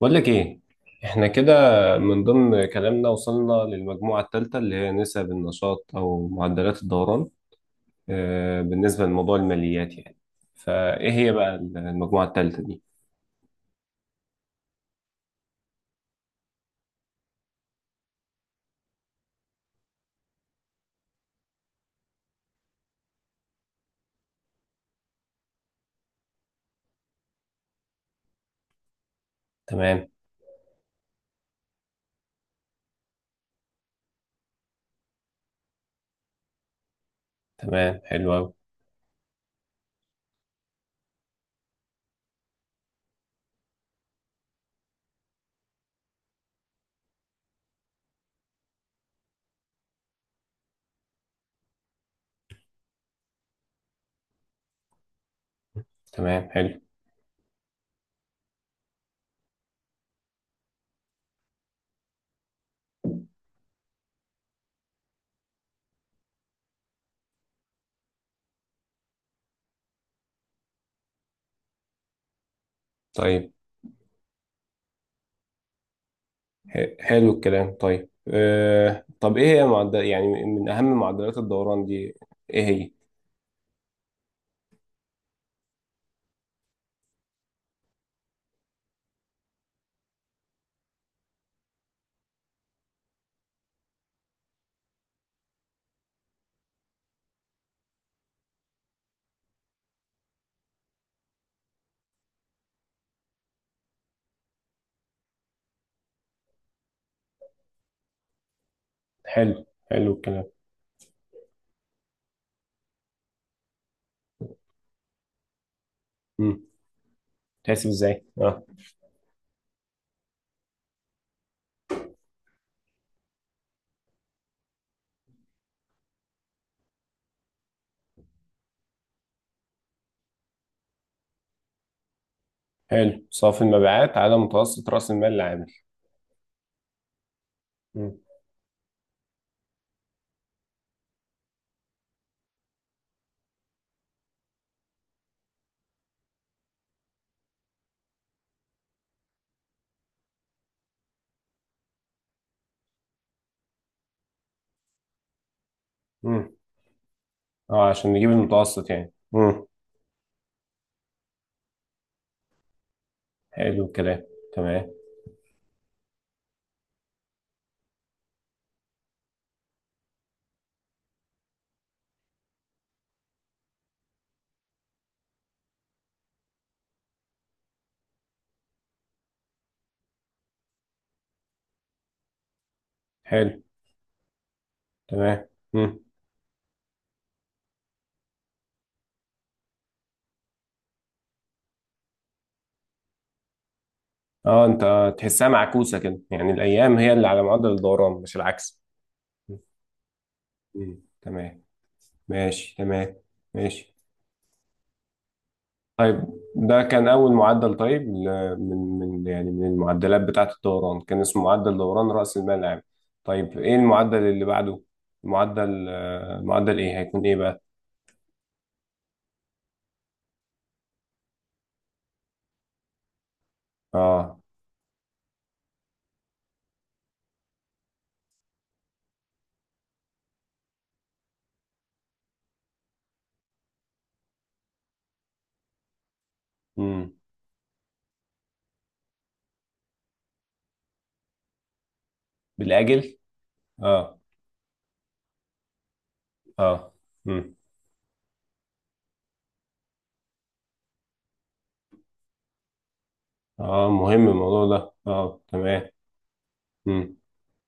بقول لك ايه، احنا كده. من ضمن كلامنا وصلنا للمجموعة الثالثة اللي هي نسب النشاط او معدلات الدوران. آه، بالنسبة لموضوع الماليات يعني فايه هي بقى المجموعة الثالثة دي؟ تمام. تمام حلو قوي. تمام حلو. طيب حلو الكلام. طيب آه، طب ايه هي معدل يعني من اهم معدلات الدوران دي؟ ايه هي؟ حلو. حلو الكلام. امم. تحسب ازاي؟ اه. حلو، صافي المبيعات على متوسط رأس المال العامل. مم. مم. اه، عشان نجيب المتوسط يعني. امم. حلو الكلام. تمام. حلو. تمام. امم. اه، انت تحسها معكوسة كده، يعني الايام هي اللي على معدل الدوران مش العكس. امم، تمام. ماشي تمام. ماشي. طيب ده كان اول معدل. طيب ل- من يعني من المعدلات بتاعة الدوران، كان اسمه معدل دوران رأس المال العام. طيب ايه المعدل اللي بعده؟ معدل آه، معدل ايه هيكون ايه بقى؟ اه. امم. بالاجل. اه. اه. اه، مهم الموضوع ده، اه تمام. مم.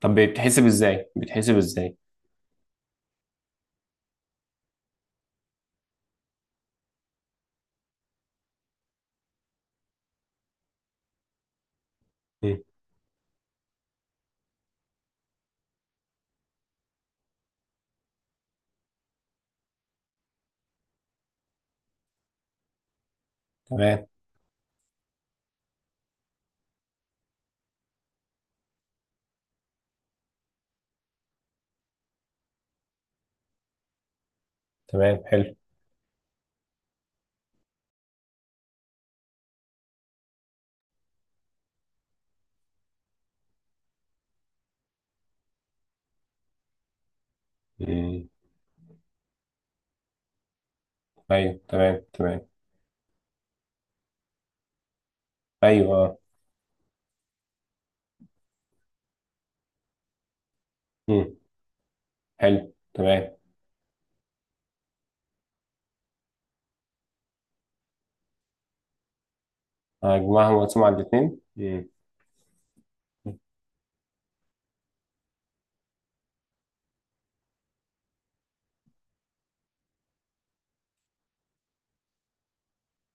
طب بتحسب ازاي؟ بتحسب ازاي؟ مم. تمام. تمام حلو. مم. ايوه تمام تمام. ايوه آه. مم. حلو تمام. هجمعهم واقسمهم على الاثنين. مم.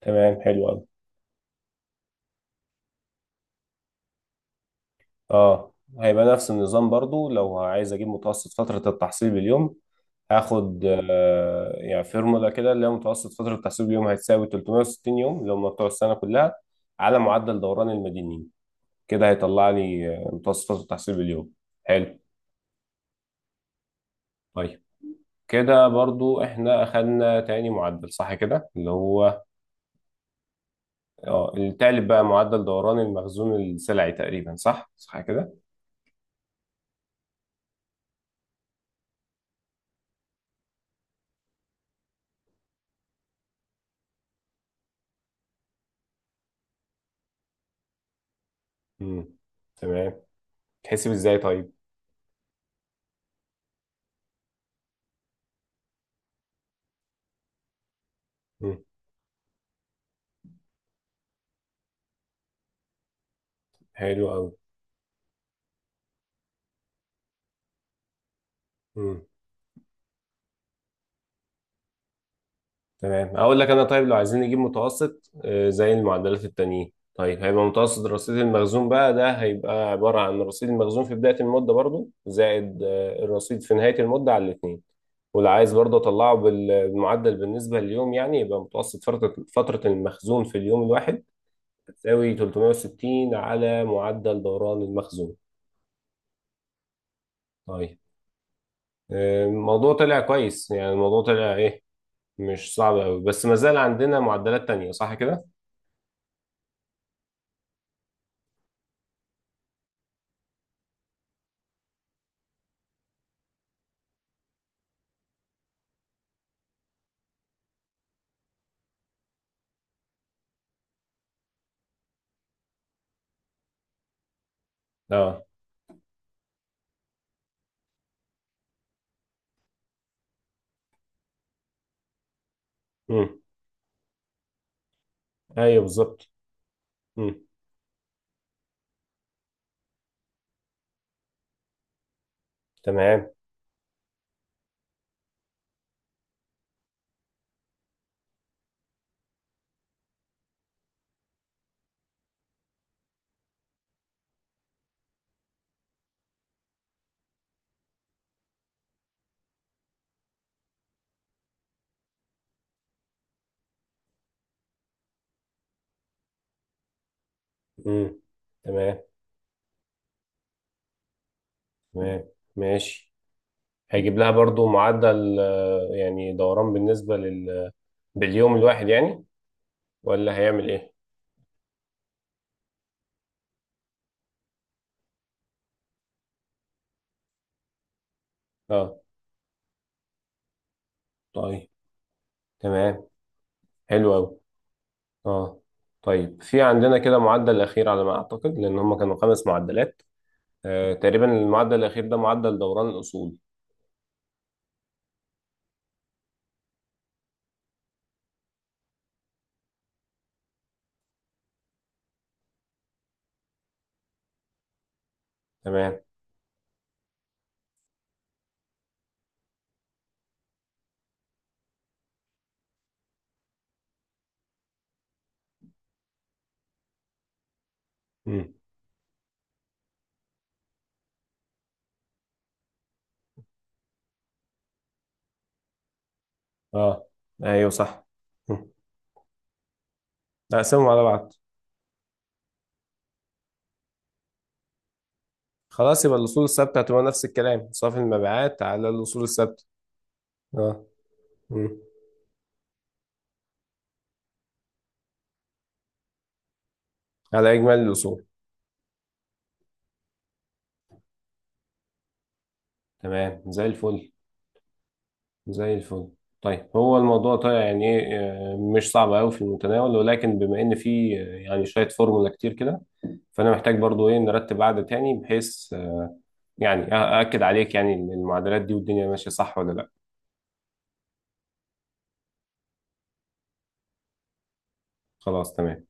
تمام حلو قوي. اه، هيبقى نفس النظام برضو. لو عايز اجيب متوسط فترة التحصيل باليوم، هاخد آه يعني فورمولا كده، اللي هي متوسط فترة التحصيل باليوم هتساوي 360 يوم اللي هم بتوع السنة كلها، على معدل دوران المدنيين. كده هيطلع لي متوسط التحصيل باليوم. حلو. طيب كده برضو احنا اخدنا تاني معدل، صح كده؟ اللي هو اه، التالت بقى معدل دوران المخزون السلعي تقريبا، صح صح كده. امم. تمام. تحسب ازاي طيب؟ امم. حلو قوي. تمام، اقول لك انا. طيب لو عايزين نجيب متوسط آه، زي المعدلات التانيين، طيب هيبقى متوسط رصيد المخزون بقى، ده هيبقى عبارة عن رصيد المخزون في بداية المدة، برضو زائد آه، الرصيد في نهاية المدة على الاتنين. واللي عايز برضو اطلعه بالمعدل بالنسبة لليوم، يعني يبقى متوسط فترة المخزون في اليوم الواحد تساوي 360 على معدل دوران المخزون. طيب آه، الموضوع طلع كويس، يعني الموضوع طلع ايه، مش صعب قوي، بس ما زال عندنا معدلات تانية صح كده؟ اه. ايوه بالظبط. مم. تمام. مم. تمام. تمام ماشي. هيجيب لها برضو معدل آه، يعني دوران بالنسبة لل، باليوم الواحد يعني، ولا هيعمل ايه؟ اه. طيب. تمام. حلو قوي. اه. طيب في عندنا كده معدل اخير على ما اعتقد، لان هم كانوا خمس معدلات. آه تقريبا المعدل الاخير ده معدل دوران الاصول. تمام. مم. اه ايوه صح. مم. نقسمهم على بعض. خلاص يبقى الأصول الثابتة هتبقى نفس الكلام، صافي المبيعات على الأصول الثابتة. اه. مم. على إجمالي الأصول. تمام زي الفل. زي الفل. طيب هو الموضوع طيب يعني إيه، آه، مش صعب أوي، في المتناول، ولكن بما إن في آه، يعني شوية فورمولا كتير كده، فأنا محتاج برضو إيه نرتب قعدة تاني، بحيث آه، يعني أ- أأكد عليك يعني إن المعادلات دي والدنيا ماشية صح ولا لأ. خلاص تمام.